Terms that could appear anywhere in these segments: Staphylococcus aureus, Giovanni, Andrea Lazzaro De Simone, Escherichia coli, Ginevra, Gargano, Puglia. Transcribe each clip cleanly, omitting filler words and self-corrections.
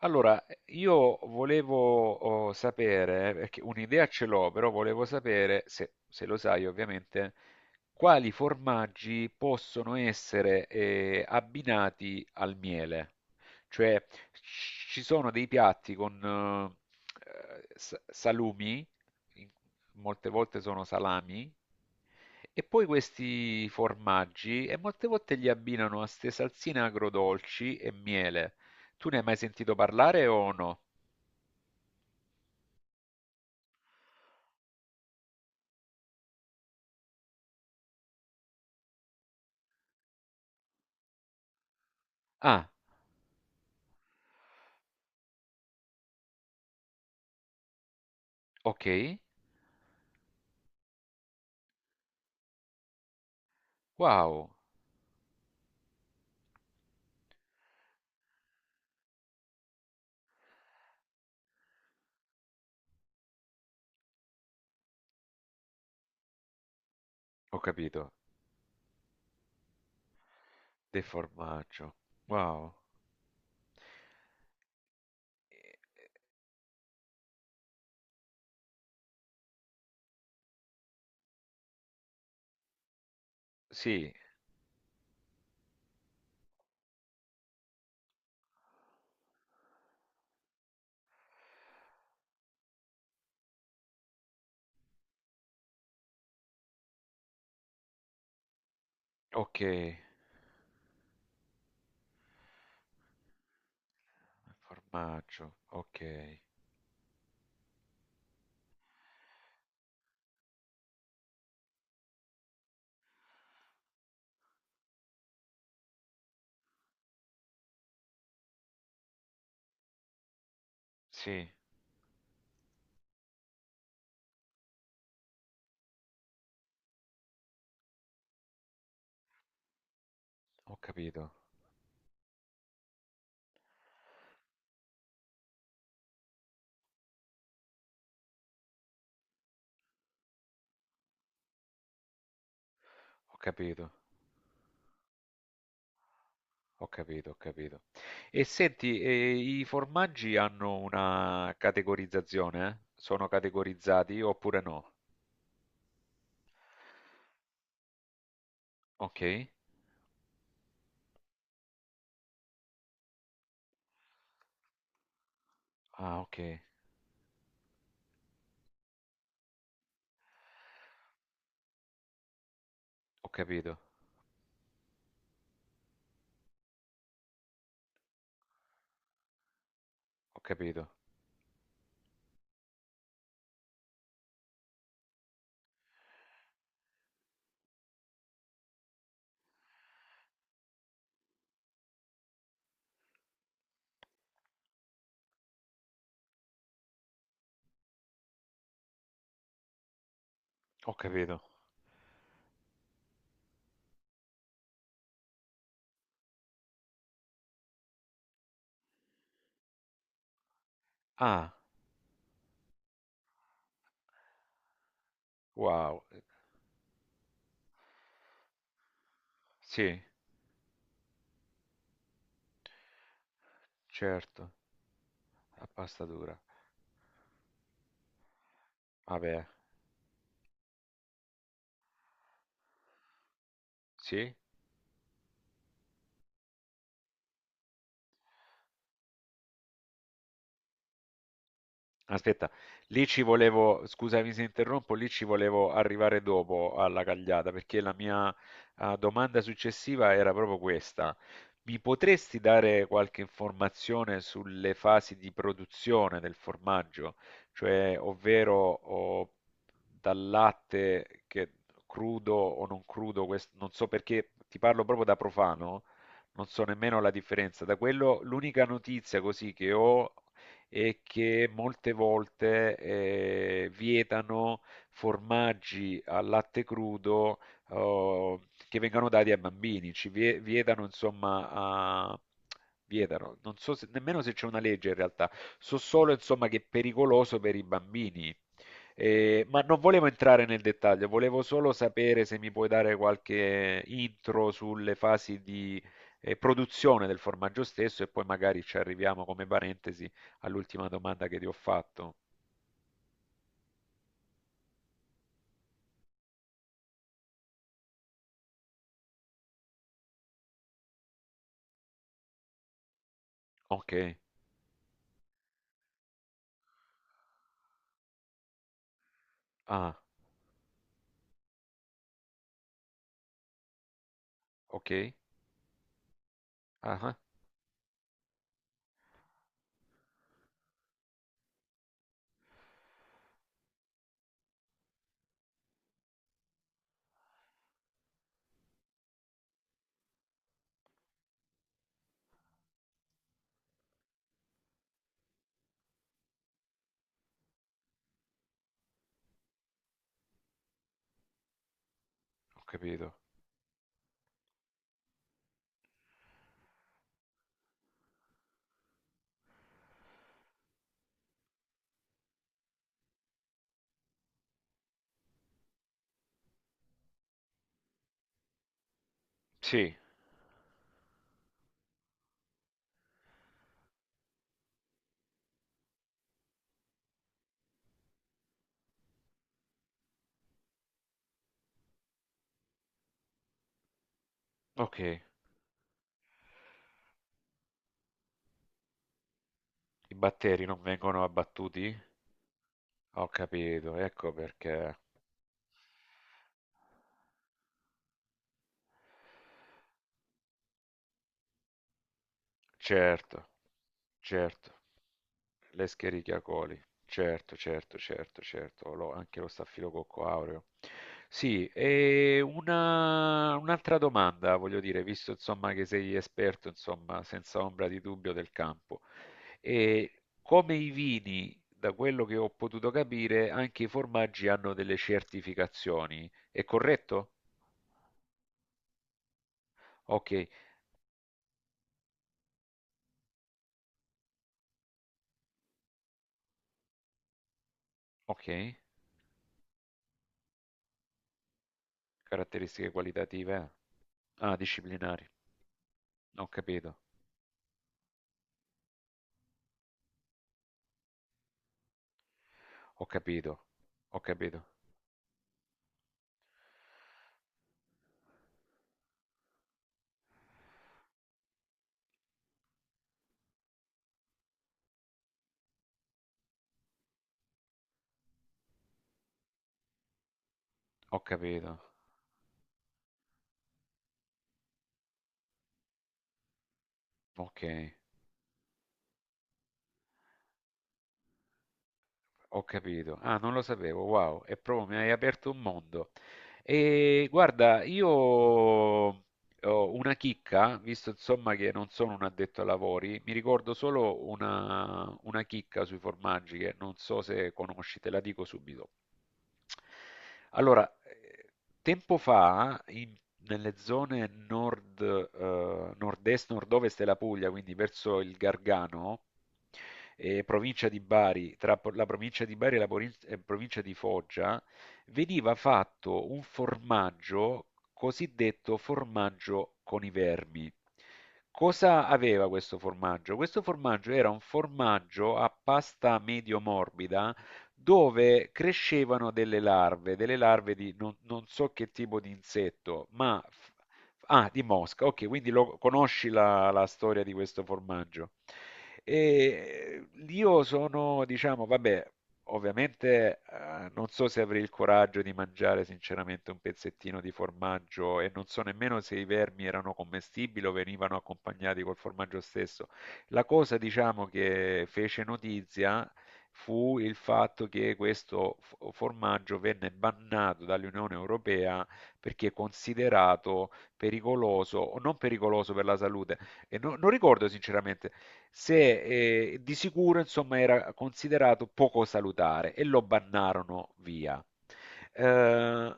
Allora, io volevo sapere, perché un'idea ce l'ho, però volevo sapere, se lo sai ovviamente, quali formaggi possono essere abbinati al miele. Cioè, ci sono dei piatti con salumi, in- molte volte sono salami, e poi questi formaggi, e molte volte li abbinano a ste salsine agrodolci e miele. Tu ne hai mai sentito parlare o no? Ah, ok. Wow, ho capito. Del formaggio. Wow. Eh, sì, ok. Formaggio, ok. Sì, ho capito, ho capito, ho capito, ho capito. E senti, i formaggi hanno una categorizzazione, eh? Sono categorizzati oppure no? Ok. Ah, ok. Ho capito, ho capito, ho capito. Ah, wow. Sì, certo, a pasta dura. Vabbè, sì? Aspetta, lì ci volevo, scusami se interrompo, lì ci volevo arrivare dopo alla cagliata, perché la mia domanda successiva era proprio questa. Mi potresti dare qualche informazione sulle fasi di produzione del formaggio? Cioè, ovvero o dal latte che crudo o non crudo, non so perché ti parlo proprio da profano, non so nemmeno la differenza. Da quello, l'unica notizia così che ho e che molte volte vietano formaggi al latte crudo eh, che vengano dati ai bambini, ci vietano insomma a... Vietano. Non so nemmeno se c'è una legge in realtà, so solo insomma che è pericoloso per i bambini, ma non volevo entrare nel dettaglio, volevo solo sapere se mi puoi dare qualche intro sulle fasi di produzione del formaggio stesso e poi magari ci arriviamo come parentesi all'ultima domanda che ti ho fatto. Ok, ah, ok, ah, ah, ho capito. Sì, ok, i batteri non vengono abbattuti? Ho capito, ecco perché. Certo, certo. L'escherichia coli. Certo, certo, certo, certo, anche lo staffilococco aureo. Sì, e un'altra domanda, voglio dire, visto insomma che sei esperto, insomma, senza ombra di dubbio del campo. E come i vini, da quello che ho potuto capire, anche i formaggi hanno delle certificazioni, è corretto? Ok, ok, caratteristiche qualitative, eh? Ah, disciplinari, ho capito, ho capito, ho capito, ho capito. Okay, ho capito. Ah, non lo sapevo, wow, è proprio mi hai aperto un mondo. E guarda, io ho una chicca, visto insomma che non sono un addetto ai lavori, mi ricordo solo una chicca sui formaggi che non so se conosci, te la dico subito. Allora, tempo fa in nelle zone nord, nord-est, nord-ovest della Puglia, quindi verso il Gargano, e provincia di Bari, tra la provincia di Bari e la e provincia di Foggia, veniva fatto un formaggio cosiddetto formaggio con i vermi. Cosa aveva questo formaggio? Questo formaggio era un formaggio a pasta medio morbida dove crescevano delle larve di non, non so che tipo di insetto, ma... f- Ah, di mosca, ok, quindi conosci la, la storia di questo formaggio. E io sono, diciamo, vabbè, ovviamente non so se avrei il coraggio di mangiare sinceramente un pezzettino di formaggio e non so nemmeno se i vermi erano commestibili o venivano accompagnati col formaggio stesso. La cosa, diciamo, che fece notizia fu il fatto che questo formaggio venne bannato dall'Unione Europea perché considerato pericoloso o non pericoloso per la salute. E non ricordo sinceramente se di sicuro insomma era considerato poco salutare e lo bannarono via. Eh,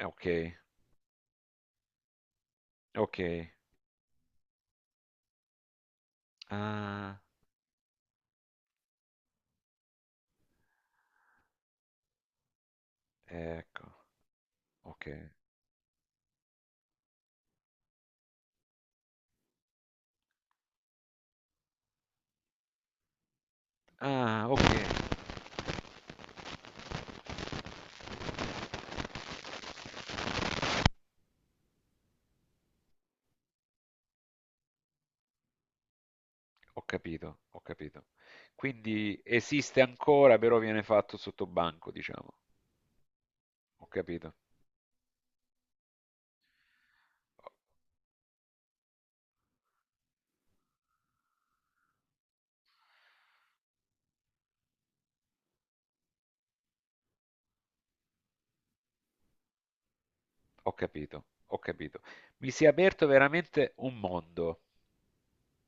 ok, ok. Ah, ecco, ok. Ah, ok. Ho capito, ho capito. Quindi esiste ancora, però viene fatto sotto banco, diciamo. Ho capito, ho capito, ho capito. Mi si è aperto veramente un mondo.